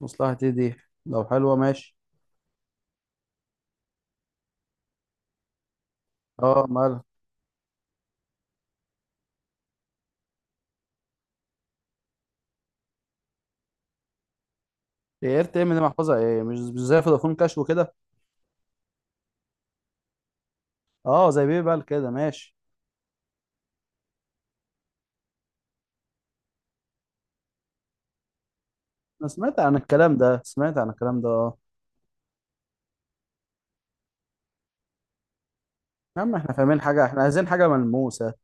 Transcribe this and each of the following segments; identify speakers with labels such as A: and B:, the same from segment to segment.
A: مصلحتي دي، لو حلوه ماشي. اه، مالها؟ ايرت ام دي محفظه ايه؟ مش زي فودافون كاش وكده. اه، زي بيبال كده ماشي. انا سمعت عن الكلام ده، سمعت عن الكلام ده، اه. يا عم احنا فاهمين حاجه، احنا عايزين حاجه ملموسه.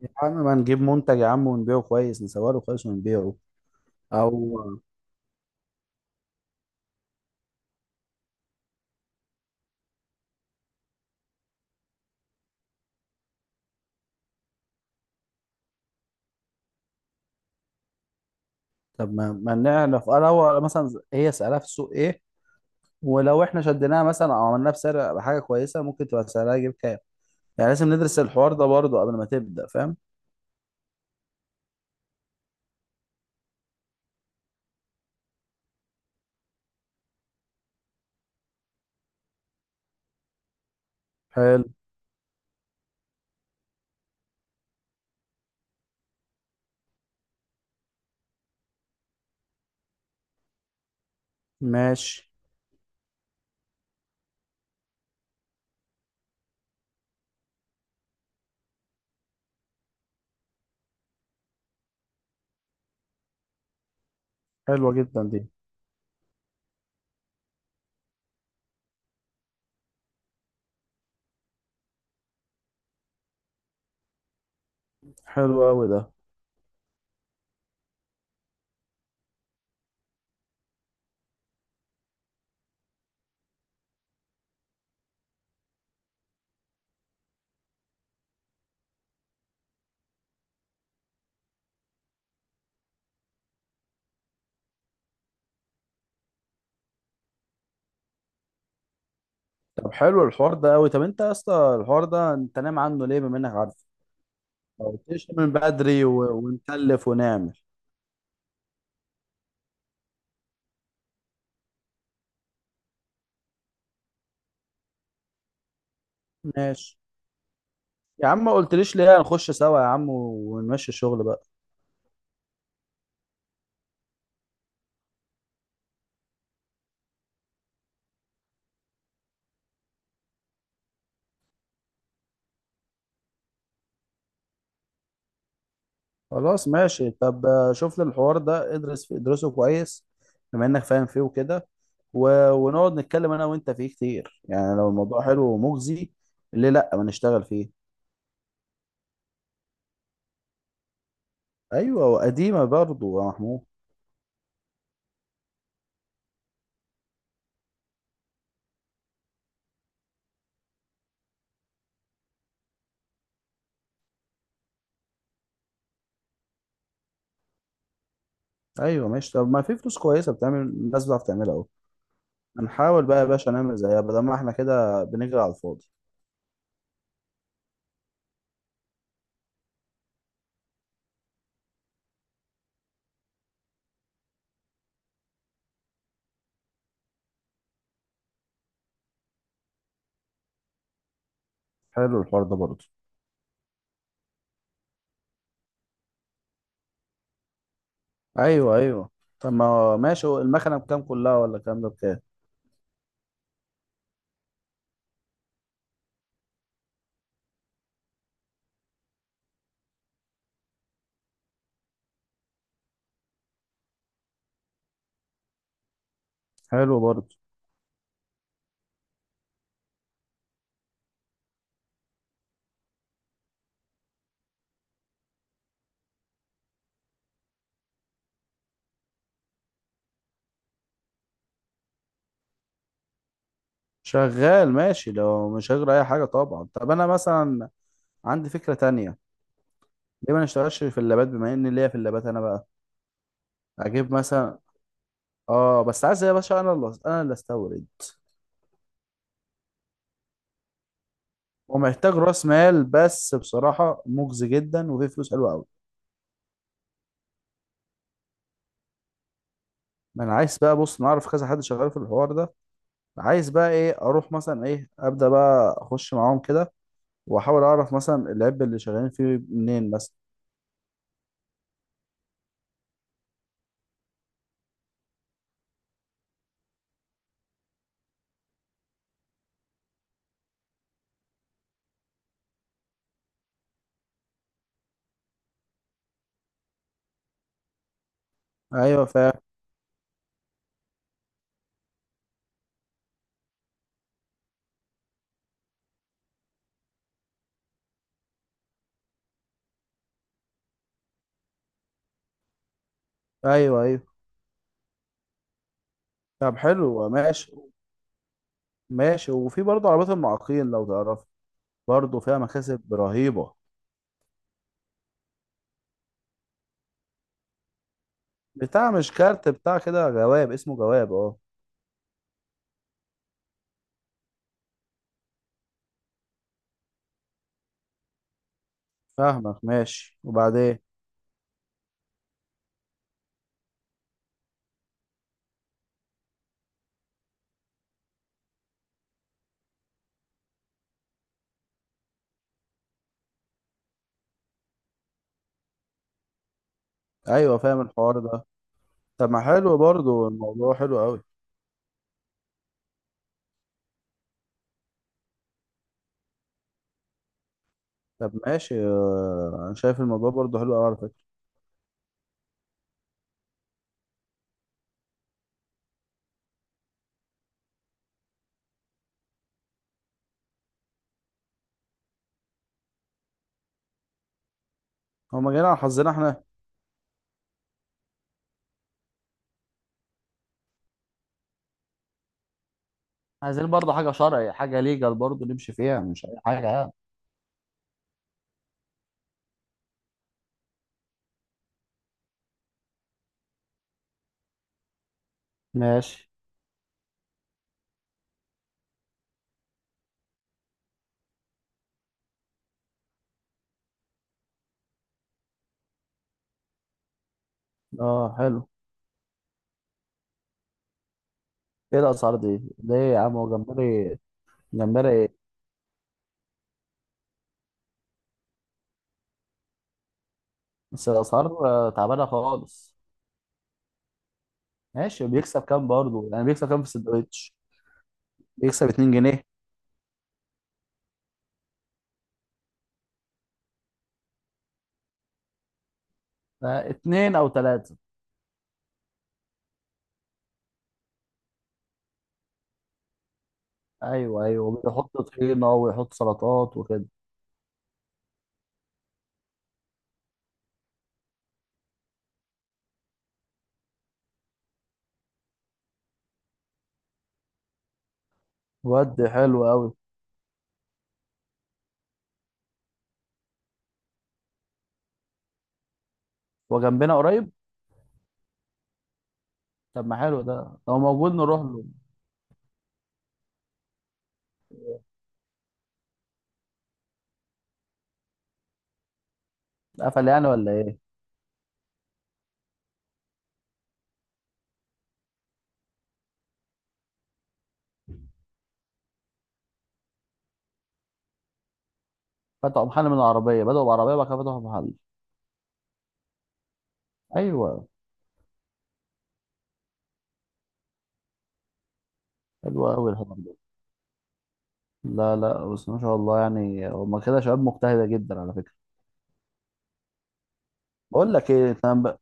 A: يا عم ما نجيب منتج يا عم، ونبيعه كويس، نصوره له كويس ونبيعه. او طب ما نعرف، اه، لو مثلا هي سعرها في السوق ايه، ولو احنا شديناها مثلا او عملناها بسعر حاجه كويسه ممكن تبقى سعرها يجيب كام. يعني لازم ندرس الحوار ده برضه قبل ما تبدا، فاهم؟ حلو ماشي. حلوة جدا دي. حلو قوي ده. طب حلو الحوار ده قوي. طب انت يا اسطى الحوار ده انت نام عنه ليه بما انك عارف؟ ما قلتليش من بدري ونكلف ونعمل. ماشي. يا عم ما قلتليش ليه، هنخش سوا يا عم ونمشي الشغل بقى. خلاص ماشي. طب شوف لي الحوار ده، ادرس فيه، ادرسه كويس بما انك فاهم فيه وكده، ونقعد نتكلم انا وانت فيه كتير. يعني لو الموضوع حلو ومجزي، ليه لا ما نشتغل فيه؟ ايوه، وقديمة برضه يا محمود. ايوه ماشي. طب ما في فلوس كويسه بتعمل، الناس بتعرف تعملها اهو. هنحاول بقى يا باشا نعمل زيها بدل ما احنا كده بنجري على الفاضي. حلو الحوار ده برضه. ايوه ايوه. طب ما هو ماشي، هو المكنه بكام كلها ولا الكلام ده بكام؟ حلو برضه. شغال ماشي لو مش هجري اي حاجه طبعا. طب انا مثلا عندي فكره تانية، ليه ما نشتغلش في اللابات بما ان ليا في اللابات انا بقى؟ اجيب مثلا، اه، بس عايز يا باشا انا، اللي انا استورد، ومحتاج راس مال، بس بصراحه مجزي جدا وفيه فلوس حلوه قوي. ما انا عايز بقى، بص، نعرف كذا حد شغال في الحوار ده، عايز بقى ايه، اروح مثلا ايه، ابدا بقى، اخش معاهم كده واحاول اعرف مثلا العيب اللي شغالين فيه. منين مثلا؟ ايوه ايوه ايوه. طب حلو ماشي. ماشي، وفي برضه عربيات المعاقين لو تعرف، برضه فيها مكاسب رهيبة. بتاع، مش كارت، بتاع كده جواب، اسمه جواب، اه. فاهمك، ماشي، وبعدين؟ ايوه فاهم الحوار ده. طب ما حلو برضه، الموضوع حلو قوي. طب ماشي. انا شايف الموضوع برضه حلو قوي. هما جايين على حظنا احنا. عايزين برضه حاجة شرعي، حاجة ليجال برضه نمشي فيها، مش أي حاجة يعني. ماشي. اه حلو. ايه الأسعار دي؟ ليه يا عم هو جمبري؟ جمبري ايه؟ بس الأسعار تعبانة خالص. ماشي، بيكسب كام برضه؟ يعني بيكسب كام في السندوتش؟ يكسب 2 جنيه؟ اتنين أو تلاتة؟ أيوه أيوه، بيحط طحينة ويحط سلطات وكده. ود حلو أوي. هو جنبنا قريب؟ طب ما حلو ده، لو موجود نروح له. قفل يعني ولا إيه؟ فتحوا محل؟ من العربية بدأوا، بعربية، بعد كده فتحوا محل. ايوه. حلو قوي الحوار ده. لا لا، بس ما شاء الله، يعني هما كده شباب مجتهده جدا على فكره. بقول لك ايه، إحنا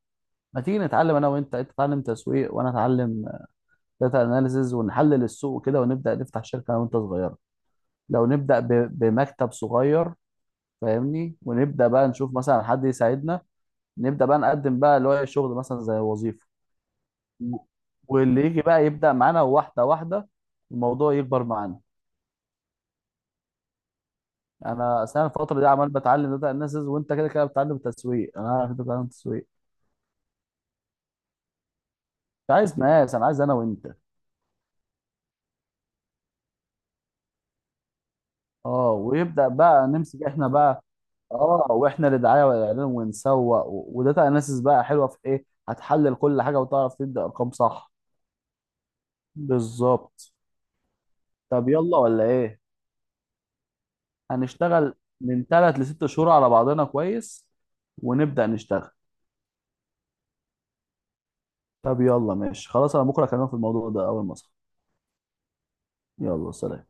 A: ما تيجي نتعلم انا وانت، انت تتعلم تسويق وانا اتعلم داتا اناليسز، ونحلل السوق كده، ونبدا نفتح شركه انا وانت صغيره. لو نبدا بمكتب صغير، فاهمني، ونبدا بقى نشوف مثلا حد يساعدنا، نبدا بقى نقدم بقى اللي هو الشغل مثلا زي وظيفه، و- واللي يجي بقى يبدا معانا واحده واحده، الموضوع يكبر معانا. انا اصل انا الفتره دي عمال بتعلم داتا اناليسز، وانت كده كده بتتعلم تسويق، انا عارف انت بتتعلم تسويق. مش عايز ناس، انا عايز انا وانت. اه، ويبدا بقى نمسك احنا بقى. اه، واحنا اللي دعايه والاعلان ونسوق، وداتا اناليسز بقى حلوه في ايه، هتحلل كل حاجه وتعرف تدي ارقام صح. بالظبط. طب يلا ولا ايه؟ هنشتغل من ثلاث لست شهور على بعضنا كويس، ونبدا نشتغل. طب يلا ماشي، خلاص، انا بكره اكلمك في الموضوع ده اول ما اصحى. يلا سلام.